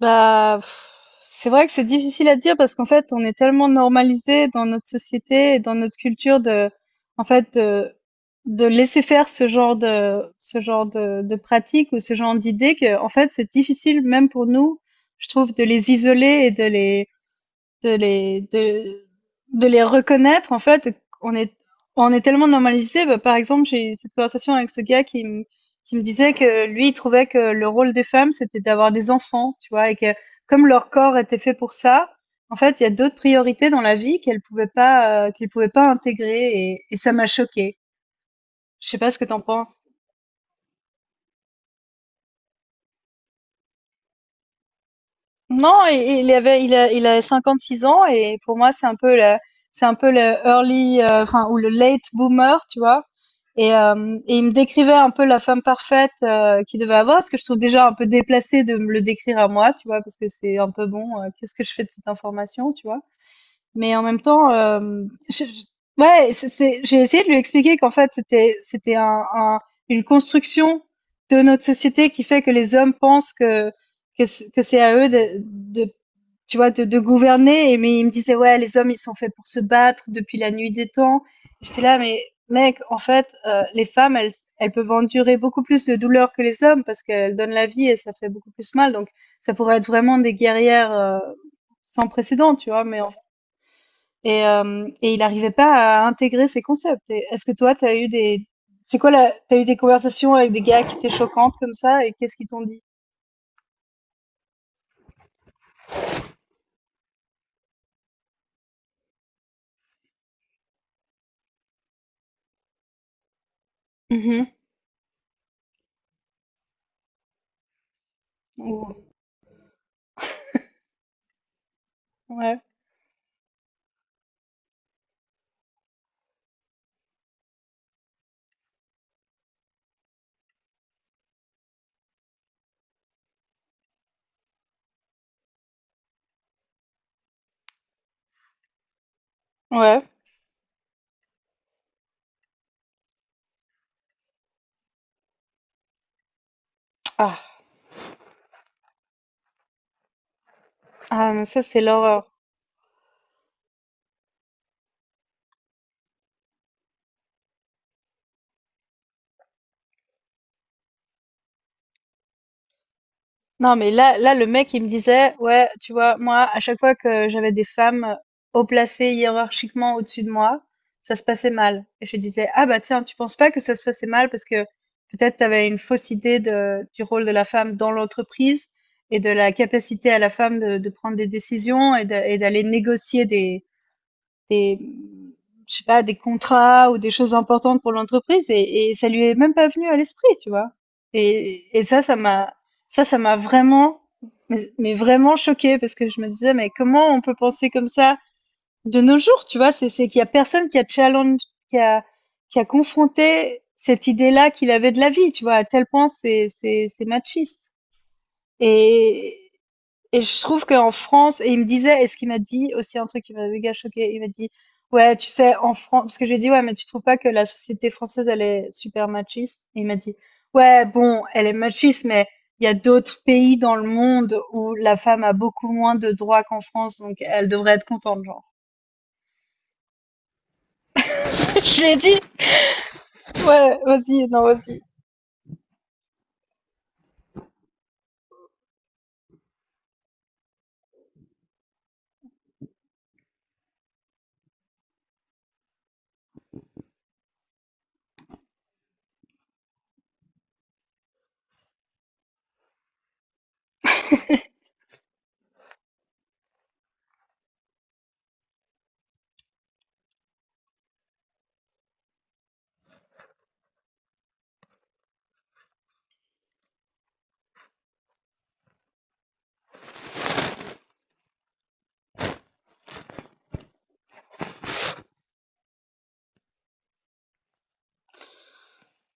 Bah, pff, c'est vrai que c'est difficile à dire parce qu'en fait, on est tellement normalisé dans notre société et dans notre culture de, en fait, de laisser faire ce genre de pratiques ou ce genre d'idées que, en fait, c'est difficile même pour nous, je trouve, de les isoler et de les de de les reconnaître en fait. On est on est tellement normalisé, bah, par exemple j'ai eu cette conversation avec ce gars qui me disait que lui il trouvait que le rôle des femmes c'était d'avoir des enfants, tu vois, et que comme leur corps était fait pour ça, en fait il y a d'autres priorités dans la vie qu'elles pouvaient pas, qu'ils pouvaient pas intégrer, et ça m'a choqué. Je sais pas ce que t'en penses. Non, et il avait, il a 56 ans et pour moi c'est un peu le, early, enfin ou le late boomer, tu vois. Et il me décrivait un peu la femme parfaite, qu'il devait avoir, ce que je trouve déjà un peu déplacé de me le décrire à moi, tu vois, parce que c'est un peu bon, qu'est-ce que je fais de cette information, tu vois. Mais en même temps, je- je- ouais, j'ai essayé de lui expliquer qu'en fait, c'était un, une construction de notre société qui fait que les hommes pensent que, que c'est à eux de, tu vois, de gouverner. Et mais il me disait, ouais, les hommes, ils sont faits pour se battre depuis la nuit des temps. J'étais là, mais mec, en fait, les femmes, elles peuvent endurer beaucoup plus de douleurs que les hommes parce qu'elles donnent la vie et ça fait beaucoup plus mal. Donc, ça pourrait être vraiment des guerrières, sans précédent, tu vois, mais et il n'arrivait pas à intégrer ces concepts. Et est-ce que toi, t'as eu des... T'as eu des conversations avec des gars qui étaient choquantes comme ça et qu'est-ce qu'ils t'ont dit? Mmh mh. Ou- Ouais, ouais. Ah, ah mais ça, c'est l'horreur. Non, mais là, là, le mec, il me disait, ouais, tu vois, moi, à chaque fois que j'avais des femmes haut placées hiérarchiquement au-dessus de moi, ça se passait mal. Et je disais, ah bah tiens, tu penses pas que ça se passait mal parce que peut-être tu avais une fausse idée de, du rôle de la femme dans l'entreprise et de la capacité à la femme de prendre des décisions et d'aller négocier des, je sais pas, des contrats ou des choses importantes pour l'entreprise, et ça lui est même pas venu à l'esprit, tu vois. Et ça m'a vraiment, mais vraiment choqué parce que je me disais, mais comment on peut penser comme ça de nos jours, tu vois? C'est qu'il y a personne qui a challenge, qui a, qui a confronté cette idée-là qu'il avait de la vie, tu vois. À tel point, c'est machiste. Et, et je trouve qu'en France, et il me disait, et ce qu'il m'a dit aussi un truc qui m'a méga choqué, il m'a dit: «Ouais, tu sais, en France», parce que je lui ai dit: «Ouais, mais tu trouves pas que la société française, elle est super machiste?» et il m'a dit: «Ouais, bon, elle est machiste, mais il y a d'autres pays dans le monde où la femme a beaucoup moins de droits qu'en France, donc elle devrait être contente, genre». Je lui ai dit: «Ouais, vas-y, non, vas-y».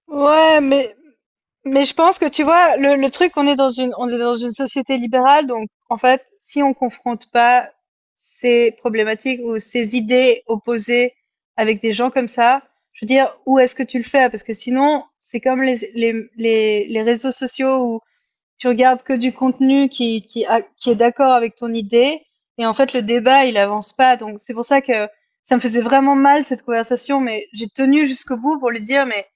Ouais, mais je pense que, tu vois, le truc, on est dans une société libérale, donc en fait, si on confronte pas ces problématiques ou ces idées opposées avec des gens comme ça, je veux dire, où est-ce que tu le fais? Parce que sinon, c'est comme les réseaux sociaux où tu regardes que du contenu qui est d'accord avec ton idée. Et en fait, le débat, il avance pas. Donc, c'est pour ça que ça me faisait vraiment mal, cette conversation. Mais j'ai tenu jusqu'au bout pour lui dire, mais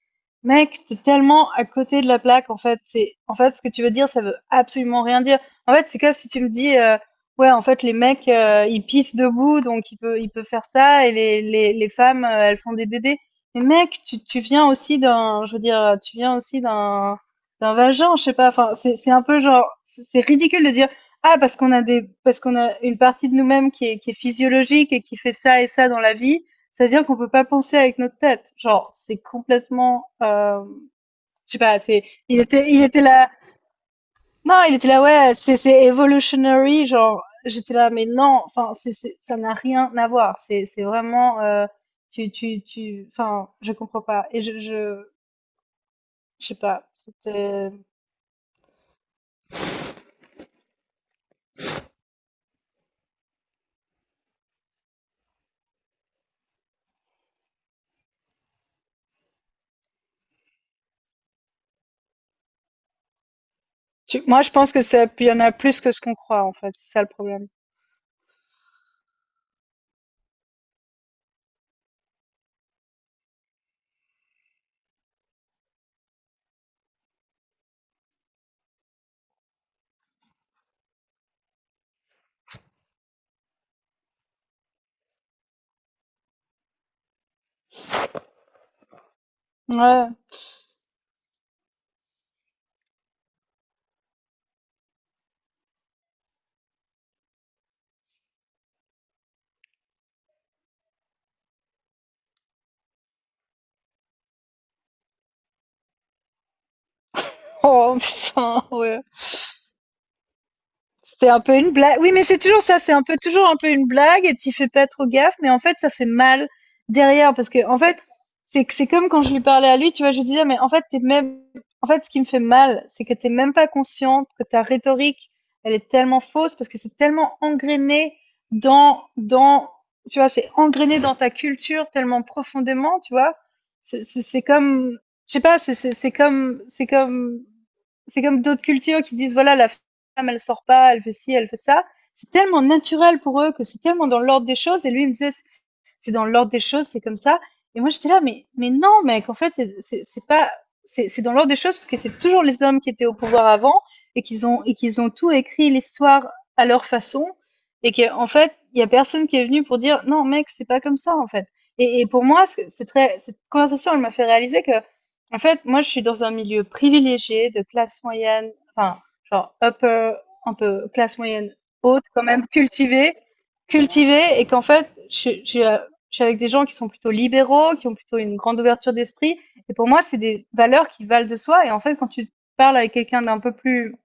mec, t'es tellement à côté de la plaque. En fait, ce que tu veux dire, ça veut absolument rien dire. En fait, c'est comme si tu me dis, ouais, en fait, les mecs, ils pissent debout, donc ils peuvent faire ça. Et les femmes, elles font des bébés. Mais mec, tu viens aussi d'un, je veux dire, tu viens aussi d'un, c'est un vagin, je sais pas. Enfin, c'est un peu genre, c'est ridicule de dire, ah parce qu'on a des, parce qu'on a une partie de nous-mêmes qui est physiologique et qui fait ça et ça dans la vie, c'est à dire qu'on peut pas penser avec notre tête. Genre, c'est complètement, je sais pas. Il était là. Non, il était là. Ouais, c'est evolutionary. Genre, j'étais là, mais non. Enfin, ça n'a rien à voir. C'est vraiment, tu tu tu. Enfin, je comprends pas. Et je sais pas. Moi, je pense que ça, il y en a plus que ce qu'on croit, en fait. C'est ça le problème. Ouais. Oh, putain, ouais. C'est un peu une blague. Oui, mais c'est toujours ça. C'est un peu toujours un peu une blague et tu fais pas trop gaffe, mais en fait, ça fait mal derrière, parce que en fait, c'est comme quand je lui parlais à lui, tu vois, je lui disais, mais en fait, t'es même, en fait, ce qui me fait mal, c'est que t'es même pas consciente que ta rhétorique, elle est tellement fausse parce que c'est tellement engrainé dans dans tu vois, c'est engrainé dans ta culture tellement profondément, tu vois. C'est comme, je sais pas, c'est comme d'autres cultures qui disent voilà, la femme, elle sort pas, elle fait ci, elle fait ça. C'est tellement naturel pour eux, que c'est tellement dans l'ordre des choses. Et lui, il me disait, c'est dans l'ordre des choses, c'est comme ça. Et moi, j'étais là, mais non, mec, en fait, c'est pas, c'est dans l'ordre des choses parce que c'est toujours les hommes qui étaient au pouvoir avant, et qu'ils ont tout écrit l'histoire à leur façon et qu'en fait, il y a personne qui est venu pour dire non, mec, c'est pas comme ça, en fait. Et pour moi, c'est très, cette conversation, elle m'a fait réaliser que, en fait, moi, je suis dans un milieu privilégié de classe moyenne, enfin, genre upper, un peu classe moyenne haute, quand même, cultivée, cultivée, et qu'en fait, je suis avec des gens qui sont plutôt libéraux, qui ont plutôt une grande ouverture d'esprit. Et pour moi, c'est des valeurs qui valent de soi. Et en fait, quand tu parles avec quelqu'un d'un peu plus,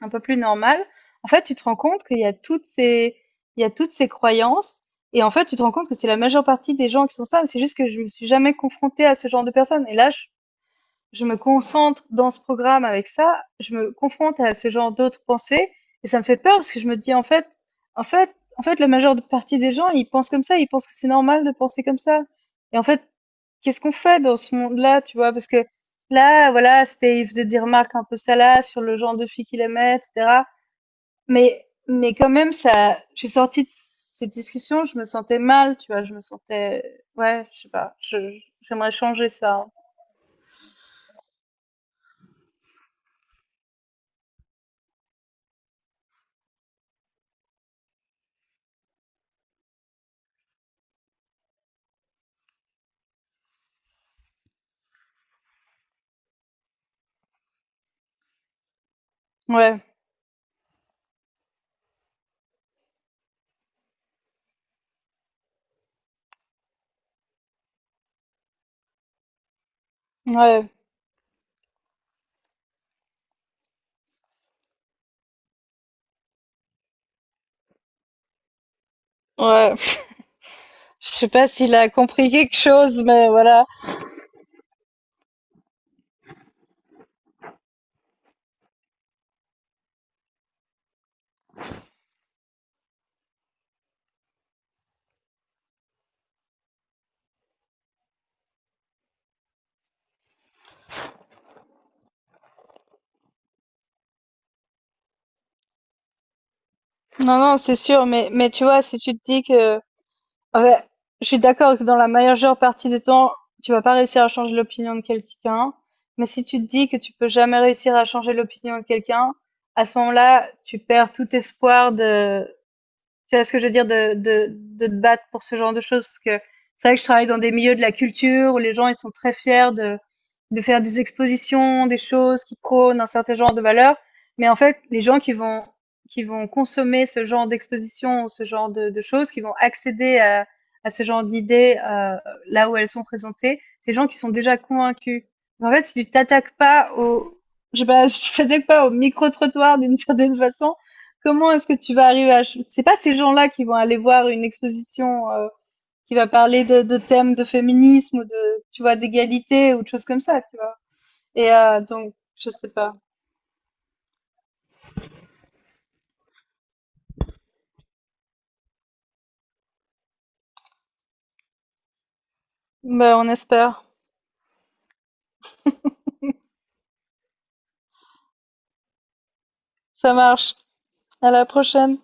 un peu plus normal, en fait, tu te rends compte qu'il y a toutes ces, il y a toutes ces croyances. Et en fait, tu te rends compte que c'est la majeure partie des gens qui sont ça. C'est juste que je me suis jamais confrontée à ce genre de personnes. Et là, je me concentre dans ce programme avec ça, je me confronte à ce genre d'autres pensées et ça me fait peur parce que je me dis, en fait, la majeure partie des gens, ils pensent comme ça, ils pensent que c'est normal de penser comme ça. Et en fait, qu'est-ce qu'on fait dans ce monde-là, tu vois? Parce que là, voilà, c'était, il faisait des remarques un peu salaces sur le genre de filles qu'il aimait, etc. Mais quand même, ça, j'ai sorti de cette discussion, je me sentais mal, tu vois, je me sentais, ouais, je sais pas, j'aimerais changer ça. Ouais, ouais, ouais. Je sais pas s'il a compris quelque chose, mais voilà. Non, non, c'est sûr. Mais tu vois, si tu te dis que, ouais, je suis d'accord que dans la majeure partie des temps, tu vas pas réussir à changer l'opinion de quelqu'un. Mais si tu te dis que tu peux jamais réussir à changer l'opinion de quelqu'un, à ce moment-là, tu perds tout espoir de, tu vois ce que je veux dire, de, de te battre pour ce genre de choses. Parce que c'est vrai que je travaille dans des milieux de la culture où les gens, ils sont très fiers de faire des expositions, des choses qui prônent un certain genre de valeurs. Mais en fait, les gens qui vont, consommer ce genre d'exposition, ce genre de choses, qui vont accéder à ce genre d'idées, là où elles sont présentées, c'est les gens qui sont déjà convaincus. En fait, si tu t'attaques pas au, je sais pas, si tu t'attaques pas au micro-trottoir d'une certaine façon, Comment est-ce que tu vas arriver à... ch- c'est pas ces gens-là qui vont aller voir une exposition, qui va parler de, thèmes de féminisme ou de, tu vois, d'égalité ou de choses comme ça, tu vois. Et donc, je sais pas. Ben, on espère. Ça marche. À la prochaine.